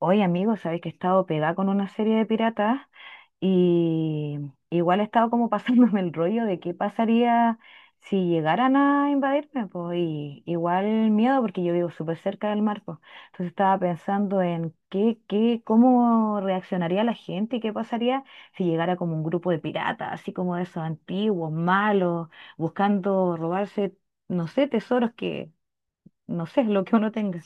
Oye, amigos, sabéis que he estado pegada con una serie de piratas y igual he estado como pasándome el rollo de qué pasaría si llegaran a invadirme, pues, y igual miedo porque yo vivo súper cerca del mar, pues. Entonces estaba pensando en qué, cómo reaccionaría la gente y qué pasaría si llegara como un grupo de piratas, así como de esos antiguos, malos, buscando robarse, no sé, tesoros que, no sé, lo que uno tenga.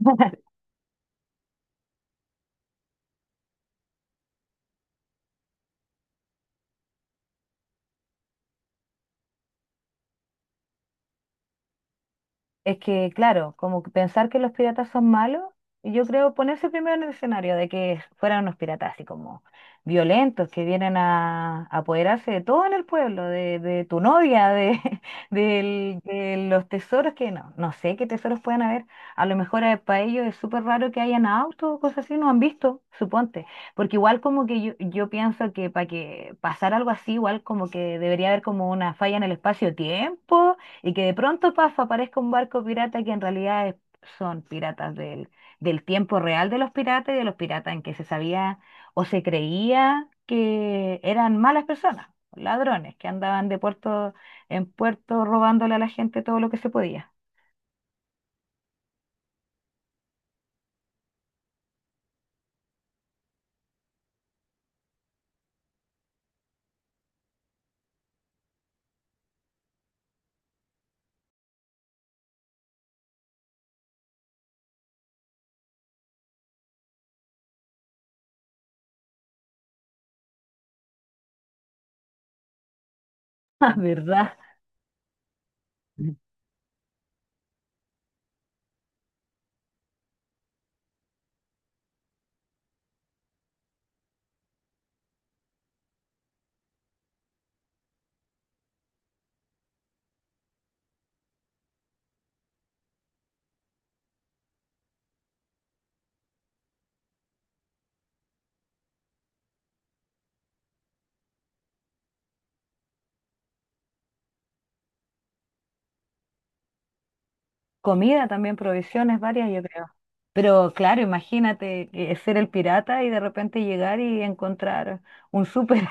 Es que, claro, como que pensar que los piratas son malos, y yo creo ponerse primero en el escenario de que fueran unos piratas así como violentos, que vienen a apoderarse de todo en el pueblo, de tu novia, de, de los tesoros que no sé qué tesoros puedan haber. A lo mejor para ellos es súper raro que hayan autos o cosas así, no han visto, suponte. Porque igual como que yo pienso que para que pasara algo así, igual como que debería haber como una falla en el espacio-tiempo y que de pronto, paf, aparezca un barco pirata que en realidad son piratas del tiempo real de los piratas y de los piratas en que se sabía o se creía que eran malas personas, ladrones que andaban de puerto en puerto robándole a la gente todo lo que se podía. Ah, ¿verdad? Comida también, provisiones varias, yo creo. Pero claro, imagínate que ser el pirata y de repente llegar y encontrar un súper.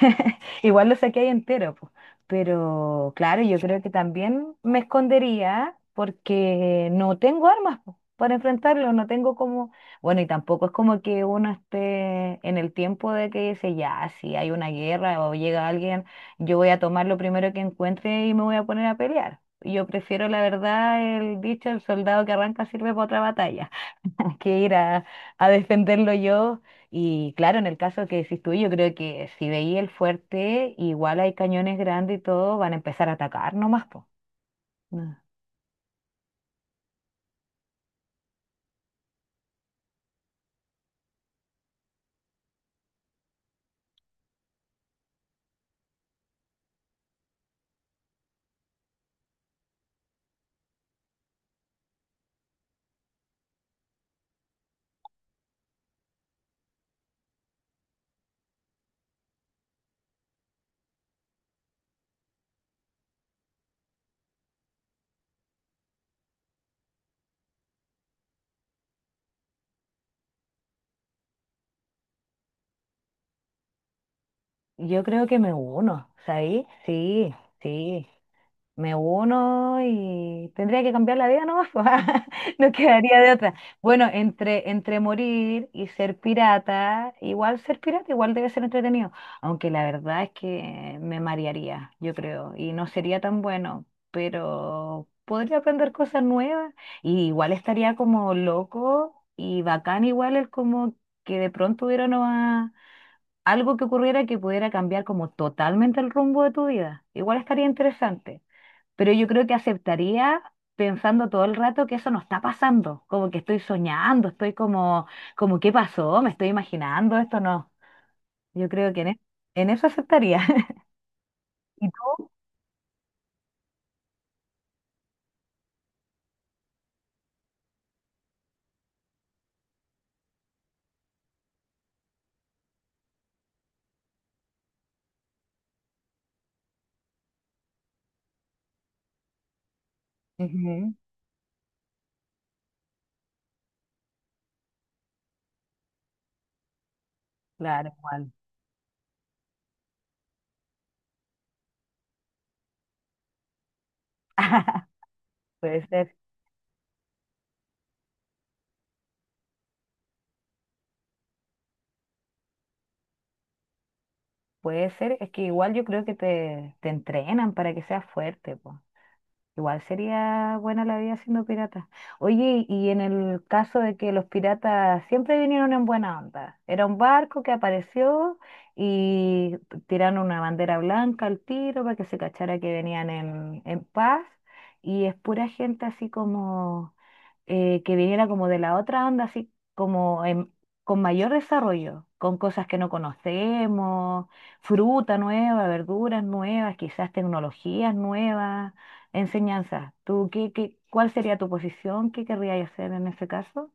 Igual lo saqué ahí entero, po. Pero claro, yo creo que también me escondería porque no tengo armas, po, para enfrentarlo, no tengo como... Bueno, y tampoco es como que uno esté en el tiempo de que dice, ya, si hay una guerra o llega alguien, yo voy a tomar lo primero que encuentre y me voy a poner a pelear. Yo prefiero, la verdad, el dicho, el soldado que arranca sirve para otra batalla, que ir a defenderlo yo. Y claro, en el caso que decís tú, yo creo que si veía el fuerte, igual hay cañones grandes y todo, van a empezar a atacar nomás, po. No. Yo creo que me uno, ¿sabéis? Sí, sí. Me uno y tendría que cambiar la vida nomás, pues, no quedaría de otra. Bueno, entre morir y ser pirata, igual debe ser entretenido, aunque la verdad es que me marearía, yo creo, y no sería tan bueno, pero podría aprender cosas nuevas y igual estaría como loco y bacán igual el como que de pronto algo que ocurriera que pudiera cambiar como totalmente el rumbo de tu vida. Igual estaría interesante pero yo creo que aceptaría pensando todo el rato que eso no está pasando, como que estoy soñando, estoy como, como ¿qué pasó? Me estoy imaginando, esto no. Yo creo que en eso aceptaría. ¿Y tú? Ujú. Claro, igual. Puede ser, puede ser. Es que igual yo creo que te entrenan para que seas fuerte, po. Igual sería buena la vida siendo pirata. Oye, y en el caso de que los piratas siempre vinieron en buena onda, era un barco que apareció y tiraron una bandera blanca al tiro para que se cachara que venían en paz y es pura gente así como que viniera como de la otra onda, con mayor desarrollo, con cosas que no conocemos, fruta nueva, verduras nuevas, quizás tecnologías nuevas. Enseñanza. ¿Tú qué, cuál sería tu posición? ¿Qué querrías hacer en ese caso?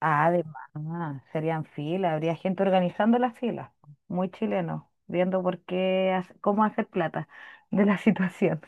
Ah, además, serían filas, habría gente organizando las filas, muy chileno, viendo por qué, cómo hacer plata de la situación.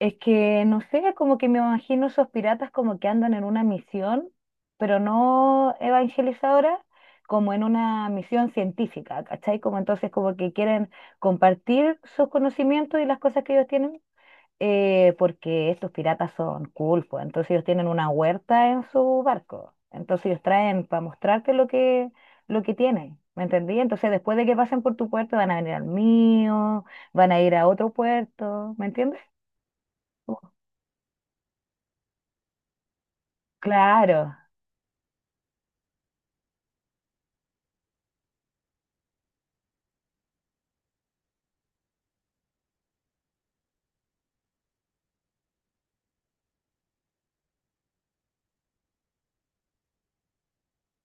Es que, no sé, como que me imagino esos piratas como que andan en una misión, pero no evangelizadora, como en una misión científica, ¿cachai? Como entonces como que quieren compartir sus conocimientos y las cosas que ellos tienen porque estos piratas son cool, pues, entonces ellos tienen una huerta en su barco, entonces ellos traen para mostrarte lo que tienen, ¿me entendí? Entonces después de que pasen por tu puerto van a venir al mío, van a ir a otro puerto, ¿me entiendes? Como, claro,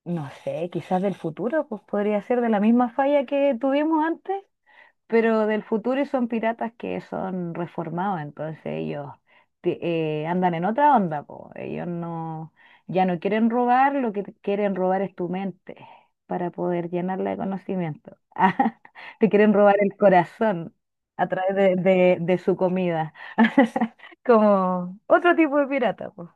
no sé, quizás del futuro, pues podría ser de la misma falla que tuvimos antes. Pero del futuro y son piratas que son reformados, entonces ellos andan en otra onda, po. Ellos no, ya no quieren robar, lo que te quieren robar es tu mente para poder llenarla de conocimiento. Ah, te quieren robar el corazón a través de, de su comida, como otro tipo de pirata, po.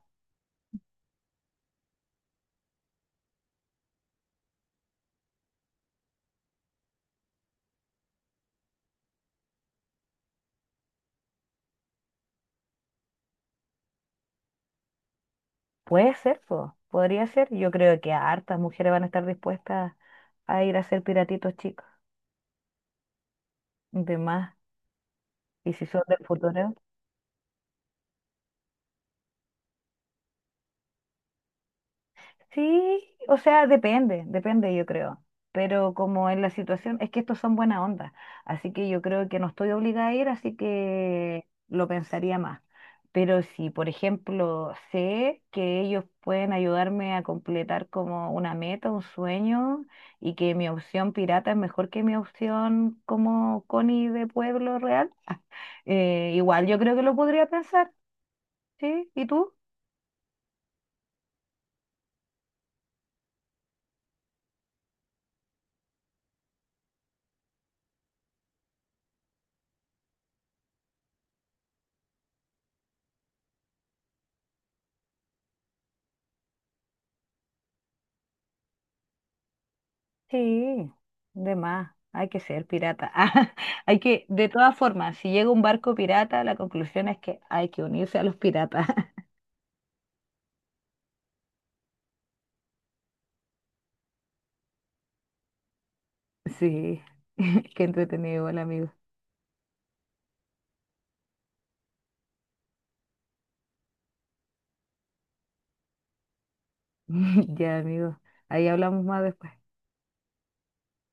Puede ser, po. Podría ser. Yo creo que hartas mujeres van a estar dispuestas a ir a ser piratitos chicos, de más. Y si son del futuro. Sí, o sea, depende, yo creo. Pero como en la situación, es que estos son buena onda. Así que yo creo que no estoy obligada a ir, así que lo pensaría más. Pero si, por ejemplo, sé que ellos pueden ayudarme a completar como una meta, un sueño, y que mi opción pirata es mejor que mi opción como Connie de pueblo real, igual yo creo que lo podría pensar, ¿sí? ¿Y tú? Sí, de más, hay que ser pirata. Ah, hay que, de todas formas, si llega un barco pirata, la conclusión es que hay que unirse a los piratas. Sí, qué entretenido, igual, amigo. Ya, amigo, ahí hablamos más después.